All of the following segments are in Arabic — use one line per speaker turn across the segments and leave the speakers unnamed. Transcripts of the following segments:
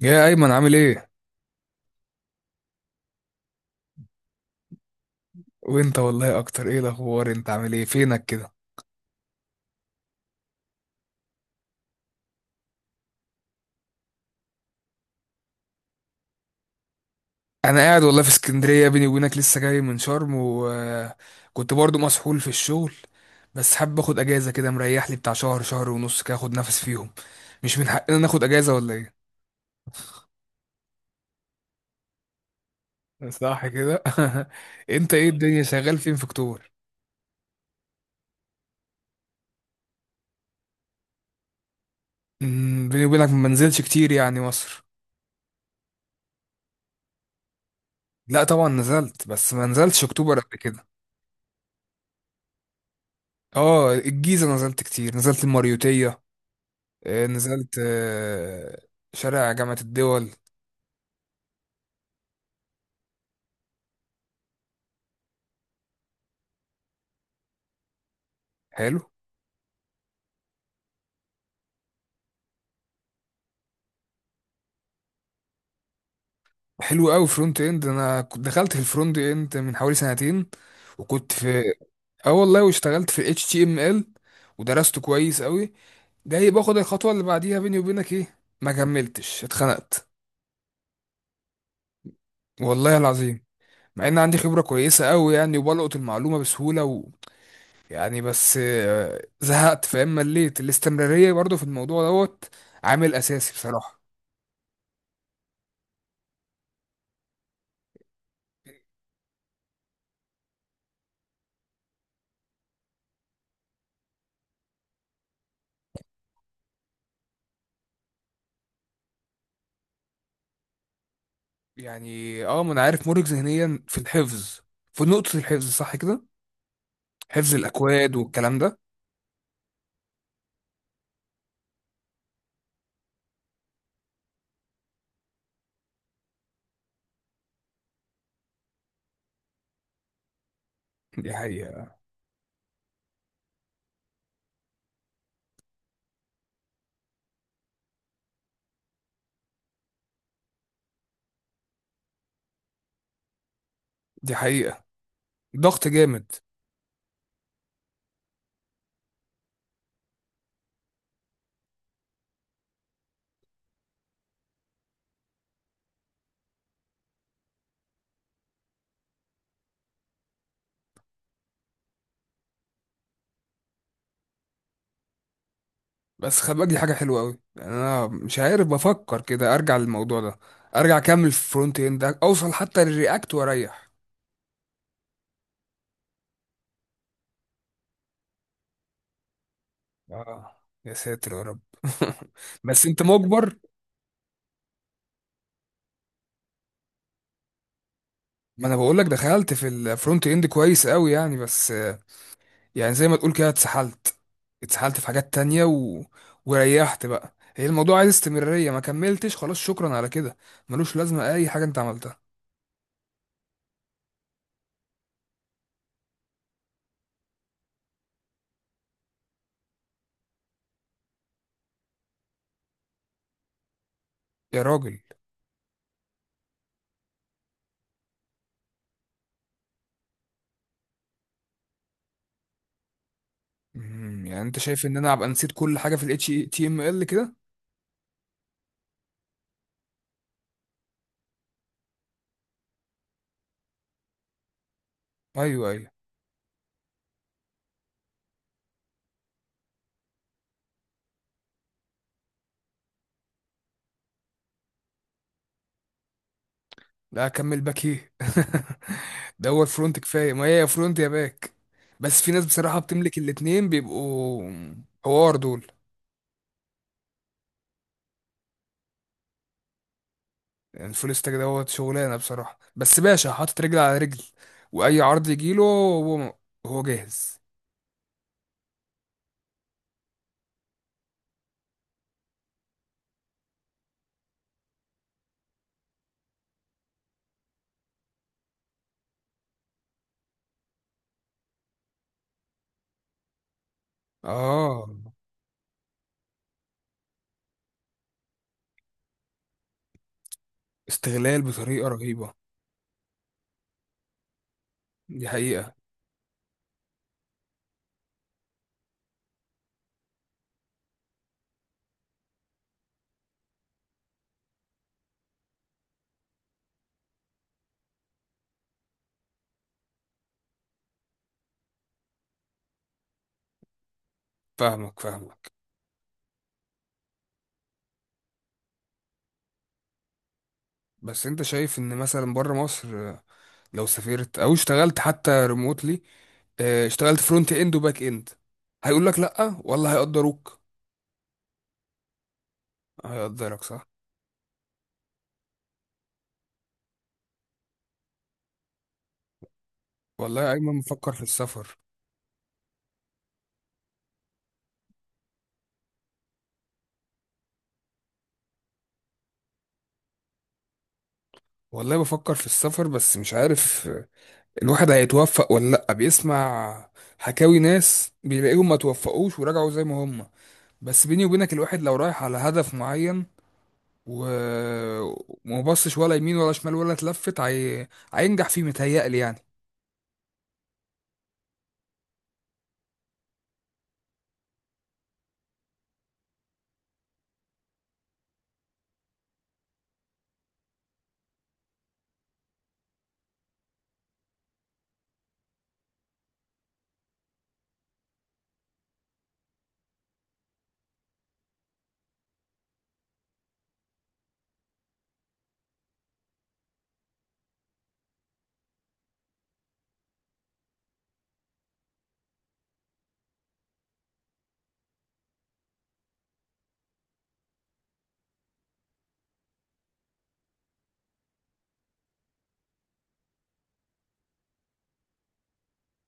يا ايمن عامل ايه؟ وانت والله اكتر. ايه الاخبار، انت عامل ايه، فينك كده؟ انا قاعد والله في اسكندريه، بيني وبينك لسه جاي من شرم، وكنت برضو مسحول في الشغل. بس حابب اخد اجازه كده مريح لي بتاع شهر، شهر ونص كده، اخد نفس فيهم. مش من حقنا ناخد اجازه ولا ايه؟ صح كده. انت ايه الدنيا، شغال فين في اكتوبر؟ بيني وبينك ما نزلتش كتير يعني مصر. لا طبعا نزلت، بس ما نزلتش اكتوبر قبل كده. اه الجيزه نزلت كتير، نزلت الماريوتيه. نزلت. شارع جامعة الدول. حلو. حلو قوي. فرونت اند. انا كنت دخلت في الفرونت اند من حوالي 2 سنتين، وكنت في... اه والله واشتغلت في اتش تي ام ال ودرسته كويس قوي. جاي باخد الخطوة اللي بعديها، بيني وبينك ايه، ما كملتش، اتخنقت. والله العظيم. مع ان عندي خبرة كويسة قوي يعني، وبلقط المعلومة بسهولة و... يعني بس زهقت، فاهم، مليت الاستمرارية برضو في الموضوع دوت. عامل اساسي بصراحة. يعني ما انا عارف، مرهق ذهنيا في الحفظ، في نقطة الحفظ، صح كده؟ حفظ الأكواد والكلام ده. دي حقيقة. دي حقيقة. ضغط جامد. بس خلي بالك دي حاجة حلوة أوي، يعني أنا مش عارف، بفكر كده أرجع للموضوع ده، أرجع أكمل في الفرونت إند، أوصل حتى للرياكت وأريح. آه. يا ساتر يا رب. بس أنت مجبر. ما أنا بقول لك دخلت في الفرونت إند كويس أوي يعني، بس يعني زي ما تقول كده اتسحلت، اتسحلت في حاجات تانية و... وريحت بقى. هي الموضوع عايز استمرارية، ما كملتش، خلاص شكرا على كده. ملوش لازمة أي حاجة أنت عملتها. يا راجل. يعني أنت شايف إن أنا أبقى نسيت كل حاجة في الاتش تي ام ال HTML كده؟ أيوه، أيوه. لا أكمل باك إيه؟ دوت فرونت كفاية، ما هي يا فرونت يا باك. بس في ناس بصراحة بتملك الاتنين، بيبقوا حوار دول. يعني الفول ستاك دوت شغلانه بصراحه، بس باشا حاطط رجل على رجل، واي عرض يجيله هو هو جاهز. اه. استغلال بطريقه رهيبه. دي حقيقه. فاهمك، فاهمك. بس انت شايف ان مثلا بره مصر، لو سافرت او اشتغلت حتى ريموتلي، اشتغلت فرونت اند وباك اند، هيقول لك لا ولا هيقدروك؟ هيقدرك صح. والله يا ايمن بفكر في السفر. والله بفكر في السفر، بس مش عارف الواحد هيتوفق ولا لأ. بيسمع حكاوي ناس بيلاقيهم ما توفقوش ورجعوا زي ما هم. بس بيني وبينك الواحد لو رايح على هدف معين و... وما بصش ولا يمين ولا شمال ولا اتلفت، هينجح فيه، متهيألي يعني.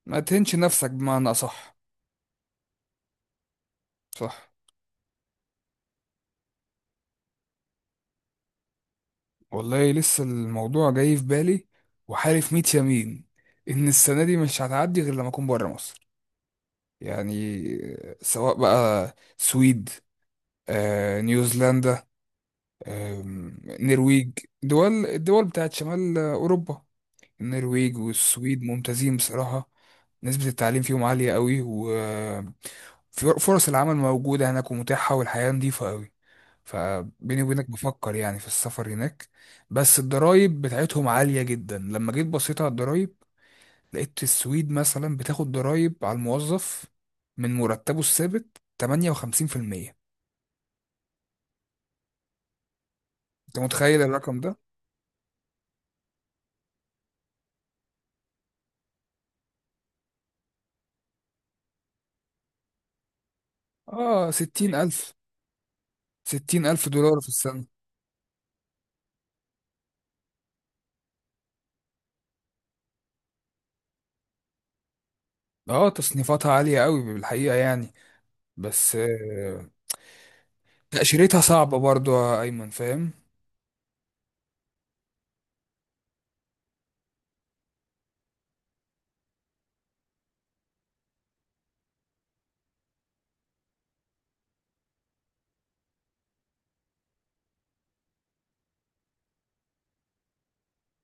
ما تهنش نفسك بمعنى أصح. صح. والله لسه الموضوع جاي في بالي، وحالف ميت يمين إن السنة دي مش هتعدي غير لما أكون بره مصر، يعني. سواء بقى سويد، نيوزيلندا، نرويج، دول الدول بتاعت شمال أوروبا. النرويج والسويد ممتازين بصراحة. نسبة التعليم فيهم عالية قوي، وفرص العمل موجودة هناك ومتاحة، والحياة نظيفة قوي. فبيني وبينك بفكر يعني في السفر هناك. بس الضرايب بتاعتهم عالية جدا. لما جيت بصيت على الضرايب، لقيت السويد مثلا بتاخد ضرايب على الموظف من مرتبه الثابت 58%. انت متخيل الرقم ده؟ اه، 60,000، ستين ألف دولار في السنة. اه تصنيفاتها عالية قوي بالحقيقة يعني. بس تأشيرتها صعبة برضو يا أيمن، فاهم.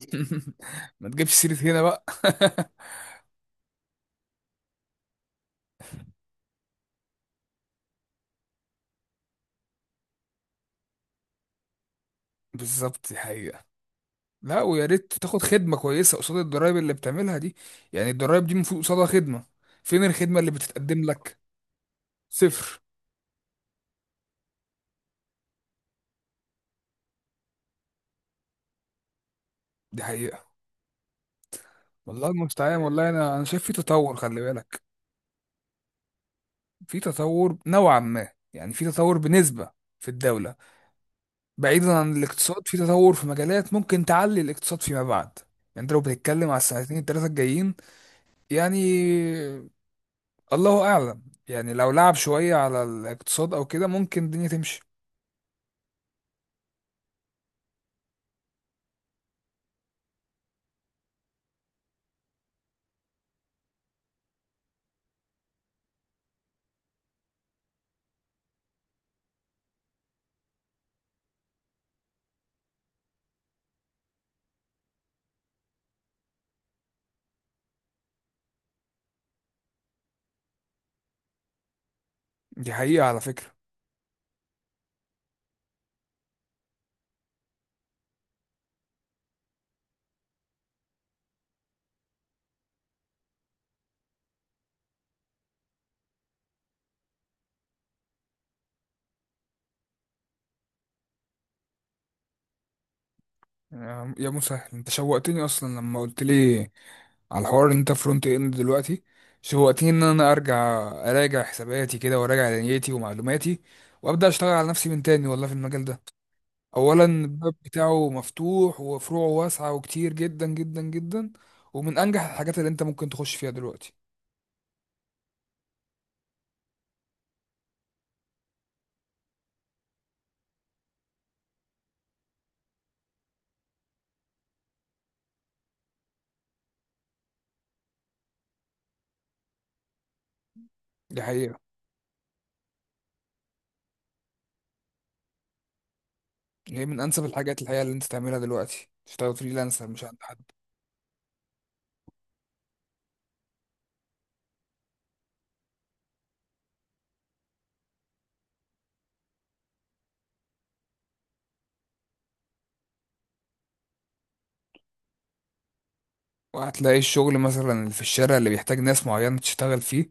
ما تجيبش سيرة هنا بقى. بالظبط، دي حقيقة. لا ويا ريت تاخد خدمة كويسة قصاد الضرايب اللي بتعملها دي. يعني الضرايب دي المفروض قصادها خدمة، فين الخدمة اللي بتتقدم لك؟ صفر. دي حقيقة. والله المستعان. والله أنا شايف في تطور، خلي بالك. في تطور نوعا ما، يعني في تطور بنسبة في الدولة. بعيدا عن الاقتصاد، في تطور في مجالات ممكن تعلي الاقتصاد فيما بعد. يعني انت لو بتتكلم على السنتين التلاتة الجايين، يعني الله اعلم. يعني لو لعب شوية على الاقتصاد او كده ممكن الدنيا تمشي. دي حقيقة على فكرة. يا مسهل، انت شوقتني اصلا لما قلت لي على الحوار إن انت فرونت اند دلوقتي. شوقتني ان انا ارجع، اراجع حساباتي كده، وراجع دنيتي ومعلوماتي، وابدا اشتغل على نفسي من تاني والله في المجال ده. اولا الباب بتاعه مفتوح، وفروعه واسعه وكتير جدا جدا جدا، ومن انجح الحاجات اللي انت ممكن تخش فيها دلوقتي. دي حقيقه يعني. هي من انسب الحاجات الحقيقه اللي انت تعملها دلوقتي، تشتغل فريلانسر مش عند حد. وهتلاقي الشغل مثلا اللي في الشارع اللي بيحتاج ناس معينه تشتغل فيه،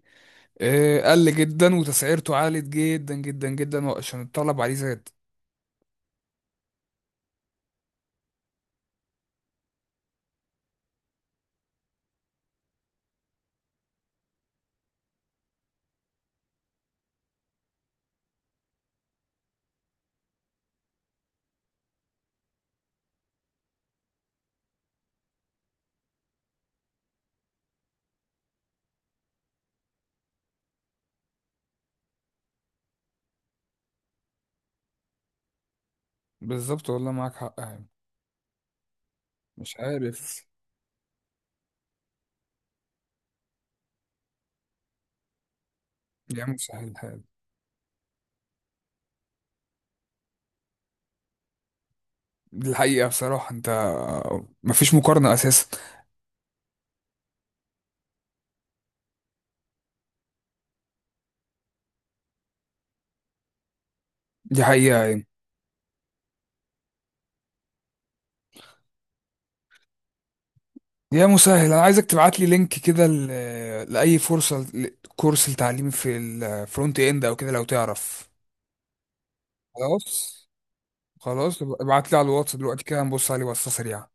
قل جدا، وتسعيرته عالت جدا جدا جدا عشان الطلب عليه زاد. بالظبط، والله معاك حق يعني. مش عارف. يعمل سهل الحال. دي الحقيقه بصراحه، انت مفيش مقارنه اساسا. دي حقيقه يعني. يا مسهل، انا عايزك تبعت لي لينك كده لاي فرصه كورس لتعليم في الفرونت اند او كده لو تعرف. خلاص. خلاص، ابعت لي على الواتس دلوقتي كده نبص عليه بصه سريعه.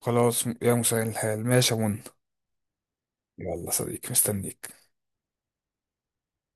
خلاص يا مسهل الحال، ماشي يا منى. يلا صديقي، مستنيك.